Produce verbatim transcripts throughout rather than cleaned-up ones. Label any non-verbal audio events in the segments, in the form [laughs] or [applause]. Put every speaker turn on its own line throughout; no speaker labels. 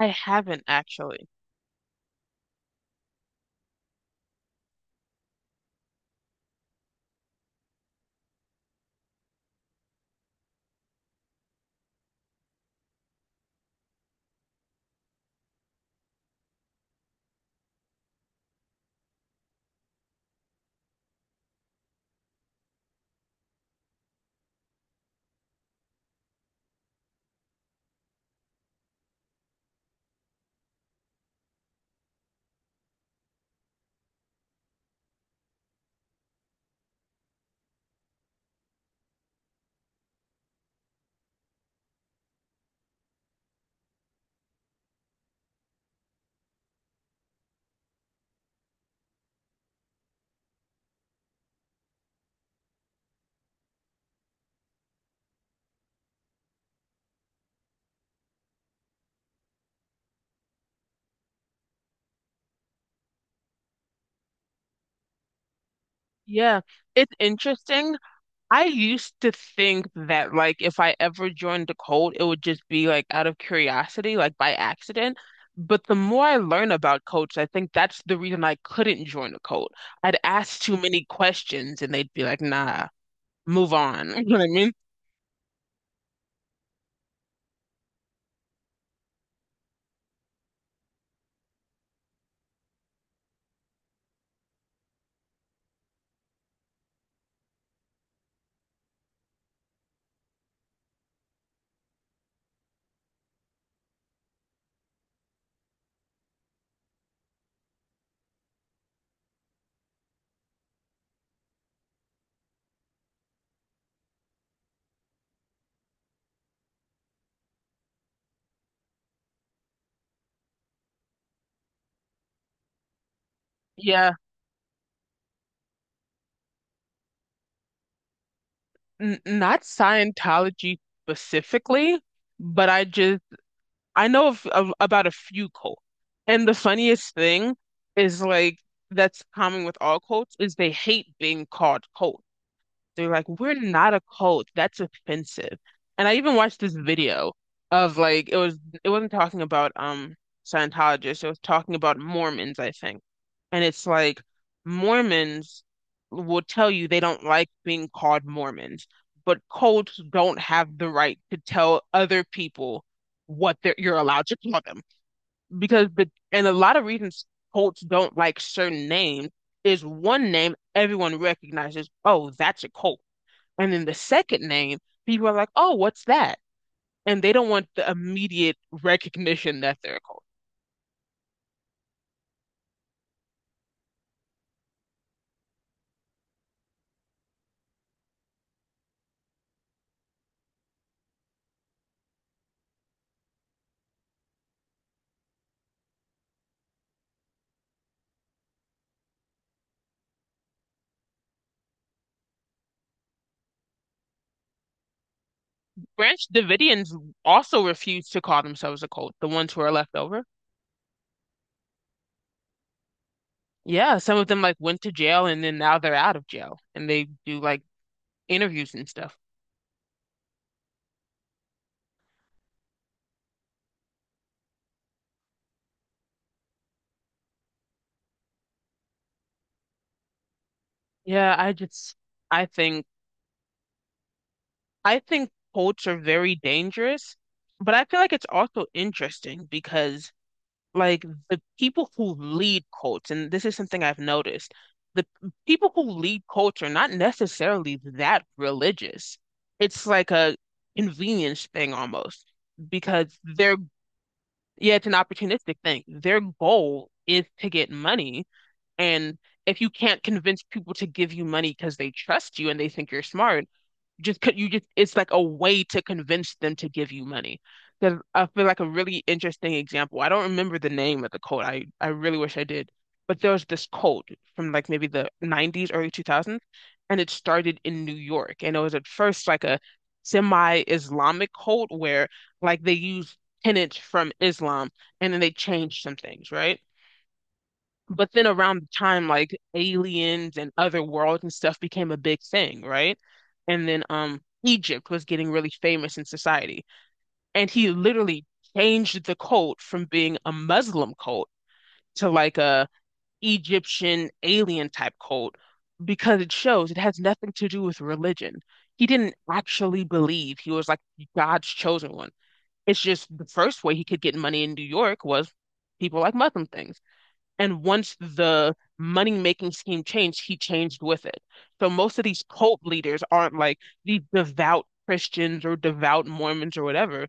I haven't actually. Yeah, it's interesting. I used to think that like if I ever joined the cult, it would just be like out of curiosity, like by accident. But the more I learn about cults, I think that's the reason I couldn't join a cult. I'd ask too many questions and they'd be like, nah, move on. [laughs] You know what I mean? Yeah, n not Scientology specifically, but I just I know of, of about a few cults. And the funniest thing is like that's common with all cults is they hate being called cult. They're like, we're not a cult. That's offensive. And I even watched this video of like it was it wasn't talking about um Scientologists. It was talking about Mormons, I think. And it's like Mormons will tell you they don't like being called Mormons, but cults don't have the right to tell other people what they're, you're allowed to call them. Because, but, and a lot of reasons cults don't like certain names is one name everyone recognizes, oh, that's a cult. And then the second name, people are like, oh, what's that? And they don't want the immediate recognition that they're a cult. Branch Davidians also refused to call themselves a cult, the ones who are left over. Yeah, some of them like went to jail and then now they're out of jail and they do like interviews and stuff. Yeah, I just I think I think cults are very dangerous, but I feel like it's also interesting because like the people who lead cults, and this is something I've noticed, the people who lead cults are not necessarily that religious. It's like a convenience thing almost because they're yeah, it's an opportunistic thing. Their goal is to get money, and if you can't convince people to give you money because they trust you and they think you're smart, just could you just it's like a way to convince them to give you money. Because I feel like a really interesting example. I don't remember the name of the cult. I I really wish I did. But there was this cult from like maybe the nineties, early two thousands, and it started in New York. And it was at first like a semi-Islamic cult where like they used tenets from Islam and then they changed some things, right? But then around the time like aliens and other worlds and stuff became a big thing, right? And then um Egypt was getting really famous in society. And he literally changed the cult from being a Muslim cult to like a Egyptian alien type cult because it shows it has nothing to do with religion. He didn't actually believe he was like God's chosen one. It's just the first way he could get money in New York was people like Muslim things. And once the money making scheme changed, he changed with it. So most of these cult leaders aren't like these devout Christians or devout Mormons or whatever.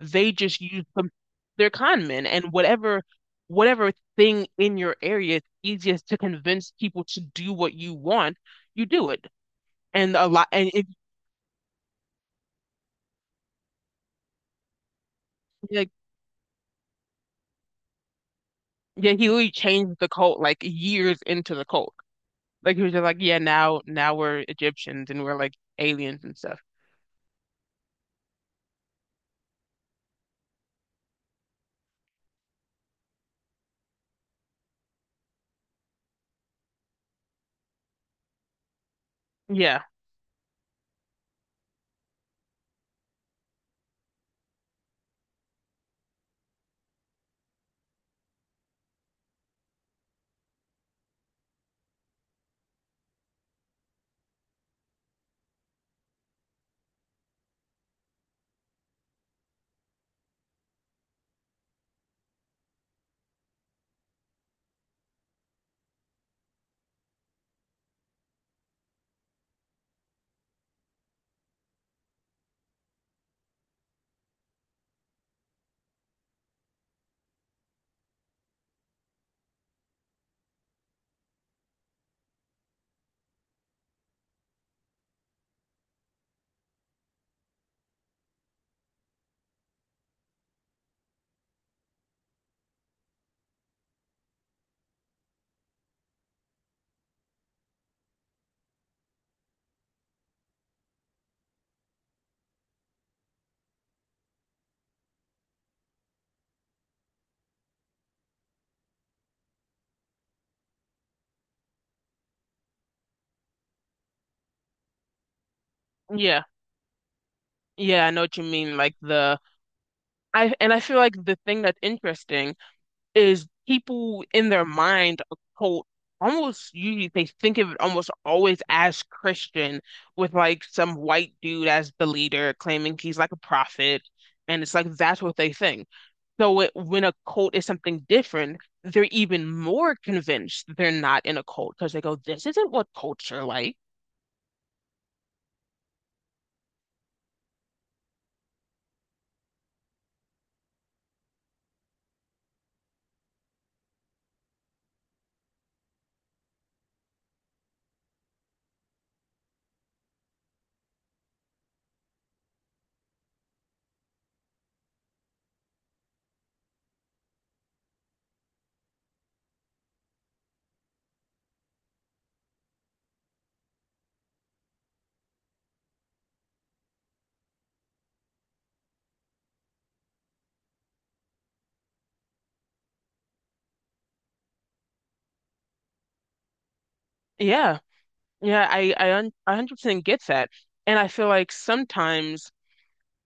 They just use some they're con men and whatever whatever thing in your area it's easiest to convince people to do what you want, you do it. And a lot and if like yeah, he really changed the cult like years into the cult. Like he was just like, yeah, now now we're Egyptians and we're like aliens and stuff. Yeah. Yeah. Yeah, I know what you mean. Like the I and I feel like the thing that's interesting is people in their mind occult almost usually they think of it almost always as Christian with like some white dude as the leader claiming he's like a prophet and it's like that's what they think. So it, when a cult is something different, they're even more convinced that they're not in a cult because they go, this isn't what cults are like. Yeah. Yeah, I I one hundred percent get that. And I feel like sometimes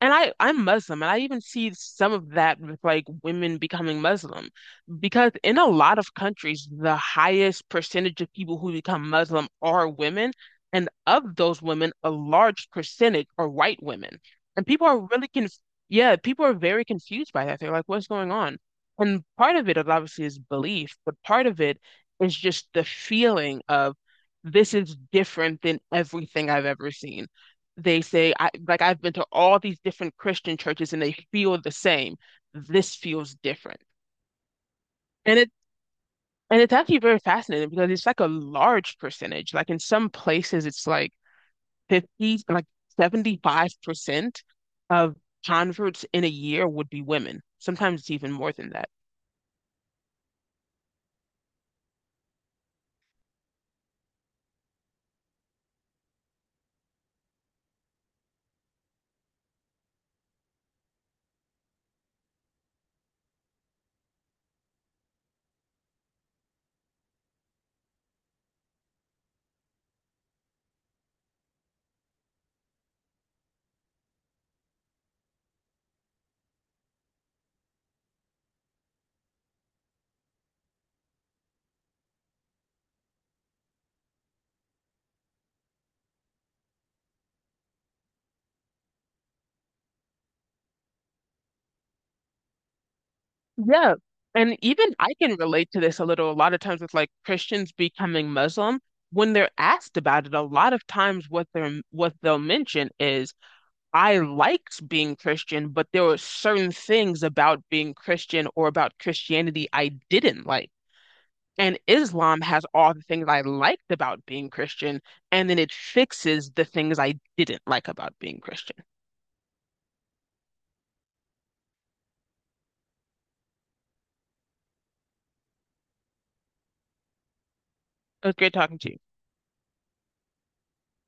And I, I'm Muslim, and I even see some of that with like women becoming Muslim, because in a lot of countries, the highest percentage of people who become Muslim are women, and of those women, a large percentage are white women. And people are really conf yeah, people are very confused by that. They're like, what's going on? And part of it is obviously is belief, but part of it is just the feeling of this is different than everything I've ever seen they say I like I've been to all these different Christian churches and they feel the same. This feels different. And it and it's actually very fascinating because it's like a large percentage. Like in some places it's like fifty like seventy-five percent of converts in a year would be women. Sometimes it's even more than that. Yeah. And even I can relate to this a little. A lot of times with like Christians becoming Muslim, when they're asked about it, a lot of times what they're what they'll mention is I liked being Christian, but there were certain things about being Christian or about Christianity I didn't like. And Islam has all the things I liked about being Christian, and then it fixes the things I didn't like about being Christian. It was great talking to you.